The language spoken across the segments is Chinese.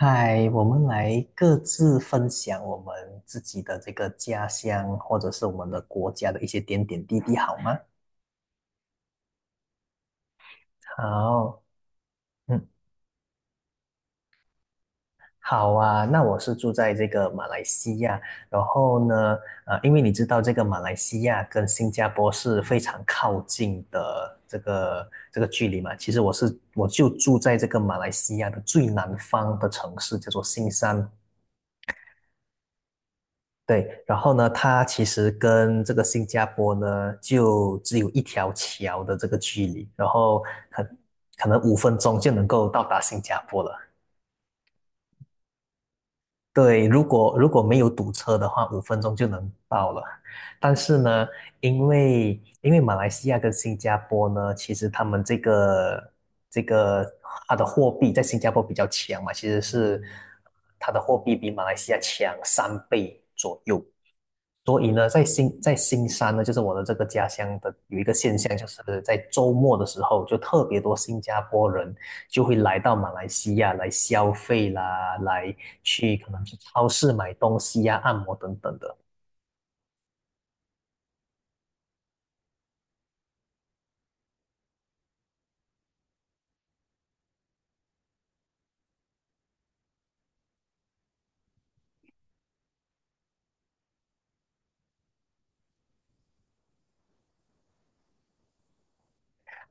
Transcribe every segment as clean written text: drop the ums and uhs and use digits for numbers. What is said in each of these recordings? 嗨，我们来各自分享我们自己的这个家乡，或者是我们的国家的一些点点滴滴，好吗？好，嗯，好啊。那我是住在这个马来西亚，然后呢，因为你知道这个马来西亚跟新加坡是非常靠近的这个距离嘛。其实我就住在这个马来西亚的最南方的城市，叫做新山。对，然后呢，它其实跟这个新加坡呢，就只有一条桥的这个距离，然后可可能五分钟就能够到达新加坡了。对，如果没有堵车的话，五分钟就能到了。但是呢，因为马来西亚跟新加坡呢，其实他们这个它的货币在新加坡比较强嘛，其实是它的货币比马来西亚强3倍左右。所以呢，在新山呢，就是我的这个家乡的有一个现象，就是在周末的时候，就特别多新加坡人就会来到马来西亚来消费啦，来去可能去超市买东西呀、按摩等等的。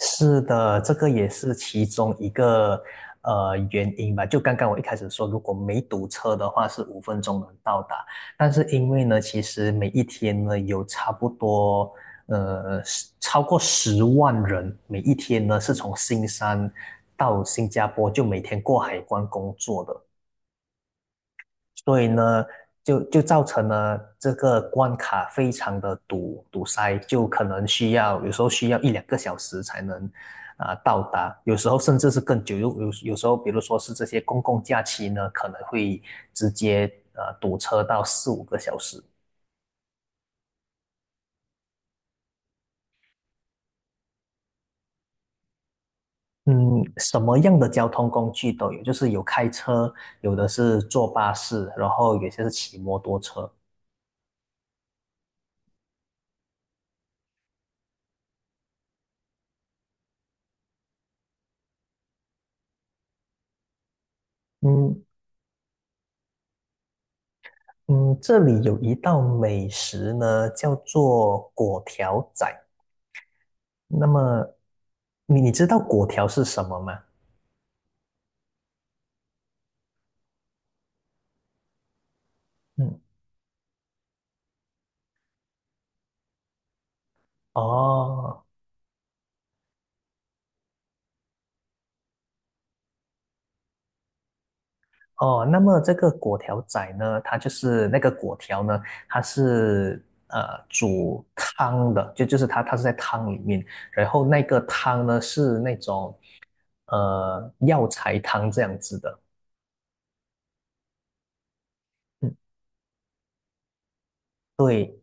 是的，这个也是其中一个原因吧。就刚刚我一开始说，如果没堵车的话，是五分钟能到达。但是因为呢，其实每一天呢有差不多呃超过10万人，每一天呢是从新山到新加坡，就每天过海关工作的。所以呢，就造成了这个关卡非常的堵塞，就可能需要有时候需要一两个小时才能啊到达，有时候甚至是更久。有时候，比如说是这些公共假期呢，可能会直接堵车到四五个小时。嗯，什么样的交通工具都有，就是有开车，有的是坐巴士，然后有些是骑摩托车。嗯，嗯，这里有一道美食呢，叫做粿条仔。那么，你知道粿条是什么吗？嗯，哦哦，那么这个粿条仔呢，它就是那个粿条呢，它是呃煮汤的，就是它是在汤里面，然后那个汤呢是那种药材汤这样子的。嗯。对。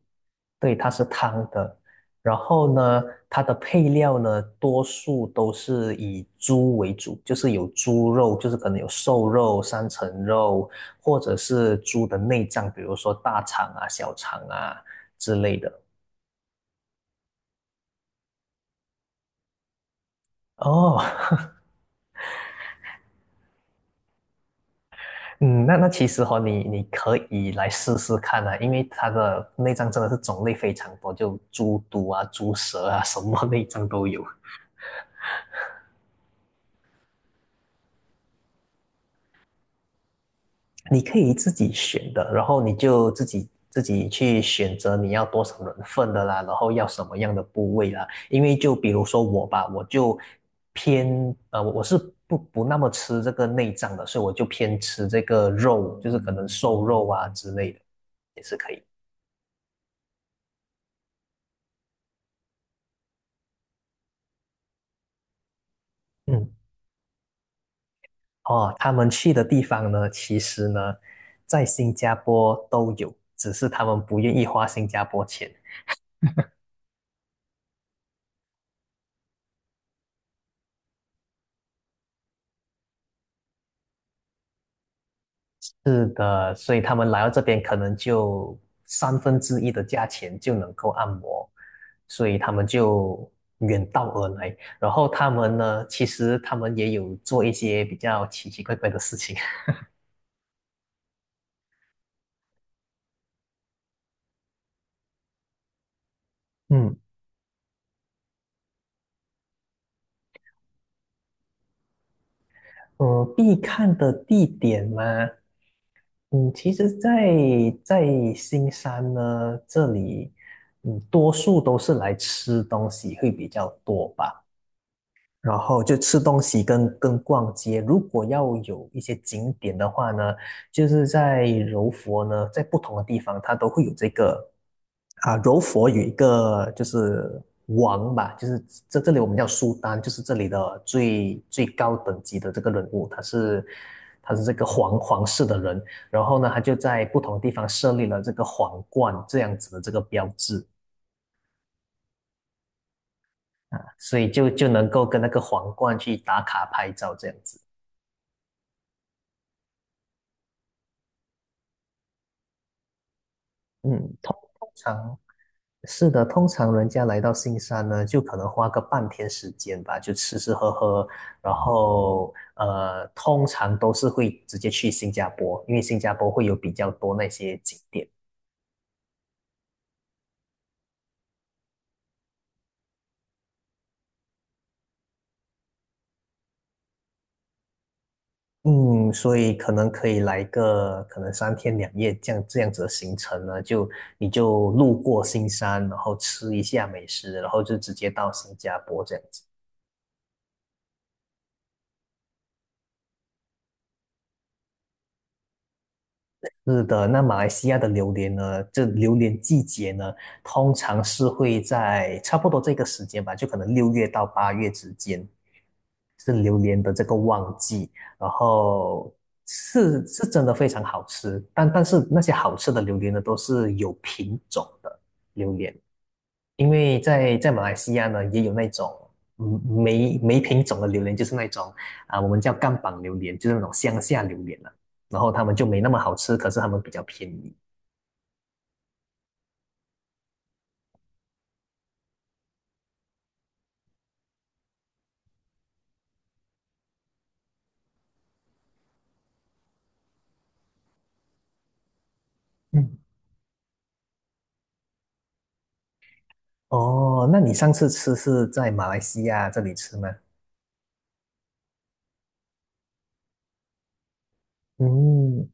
对，它是汤的。然后呢，它的配料呢，多数都是以猪为主，就是有猪肉，就是可能有瘦肉、三层肉，或者是猪的内脏，比如说大肠啊、小肠啊之类的。哦，嗯，那其实你可以来试试看啊，因为它的内脏真的是种类非常多，就猪肚啊、猪舌啊，什么内脏都有。你可以自己选的，然后你就自己去选择你要多少人份的啦，然后要什么样的部位啦。因为就比如说我吧，我就我是不那么吃这个内脏的，所以我就偏吃这个肉，就是可能瘦肉啊之类的，也是可以。嗯，哦，他们去的地方呢，其实呢，在新加坡都有，只是他们不愿意花新加坡钱。是的，所以他们来到这边，可能就三分之一的价钱就能够按摩，所以他们就远道而来。然后他们呢，其实他们也有做一些比较奇奇怪怪的事情。嗯，必看的地点嘛，嗯，其实在新山呢，这里，嗯，多数都是来吃东西会比较多吧。然后就吃东西跟逛街。如果要有一些景点的话呢，就是在柔佛呢，在不同的地方它都会有这个啊，柔佛有一个就是王吧，就是这里我们叫苏丹，就是这里的最高等级的这个人物，他是这个皇室的人，然后呢，他就在不同的地方设立了这个皇冠这样子的这个标志啊，所以就能够跟那个皇冠去打卡拍照这样子，嗯。常是的，通常人家来到新山呢，就可能花个半天时间吧，就吃吃喝喝，然后通常都是会直接去新加坡，因为新加坡会有比较多那些景点。嗯，所以可能可以来个可能3天2夜这样子的行程呢，就你就路过新山，然后吃一下美食，然后就直接到新加坡这样子。是的，那马来西亚的榴莲呢？这榴莲季节呢，通常是会在差不多这个时间吧，就可能6月到8月之间。是榴莲的这个旺季，然后是真的非常好吃，但是那些好吃的榴莲呢，都是有品种的榴莲，因为在马来西亚呢，也有那种没品种的榴莲，就是那种我们叫干榜榴莲，就是那种乡下榴莲了、然后他们就没那么好吃，可是他们比较便宜。嗯，哦，那你上次吃是在马来西亚这里吃吗？嗯，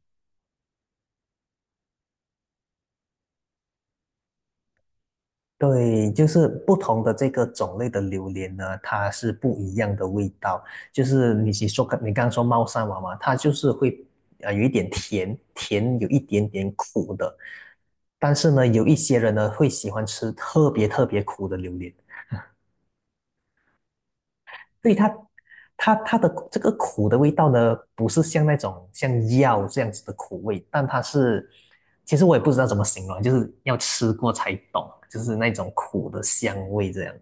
对，就是不同的这个种类的榴莲呢，它是不一样的味道。就是你说你刚刚说猫山王嘛，它就是会有一点甜，甜有一点点苦的。但是呢，有一些人呢会喜欢吃特别特别苦的榴莲，所以它的这个苦的味道呢，不是像那种像药这样子的苦味，但它是其实我也不知道怎么形容，就是要吃过才懂，就是那种苦的香味这样。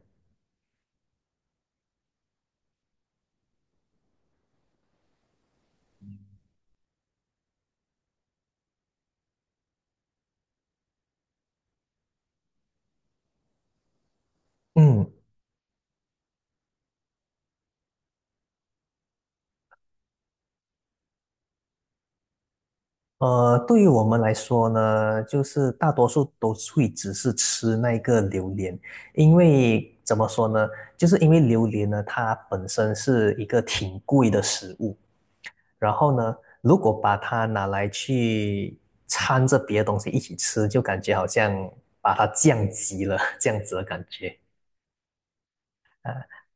嗯。对于我们来说呢，就是大多数都会只是吃那个榴莲，因为怎么说呢，就是因为榴莲呢，它本身是一个挺贵的食物，然后呢，如果把它拿来去掺着别的东西一起吃，就感觉好像把它降级了这样子的感觉。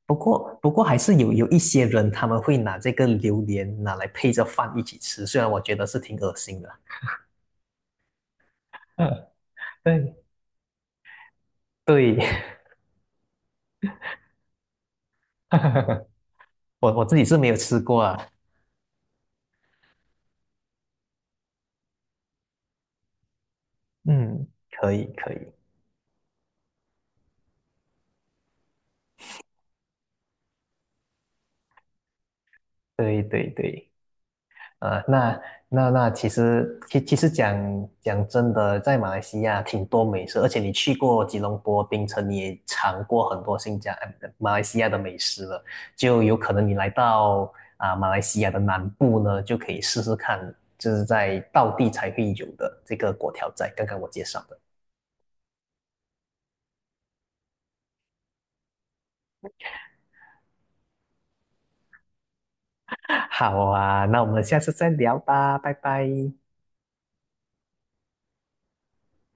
不过还是有一些人他们会拿这个榴莲拿来配着饭一起吃，虽然我觉得是挺恶心的。嗯，对，对，我自己是没有吃过啊。嗯，可以，可以，对对对，啊，那其实其实讲真的，在马来西亚挺多美食，而且你去过吉隆坡、槟城，你也尝过很多马来西亚的美食了，就有可能你来到马来西亚的南部呢，就可以试试看，就是在道地才会有的这个粿条仔，刚刚我介绍的。好啊，那我们下次再聊吧，拜拜。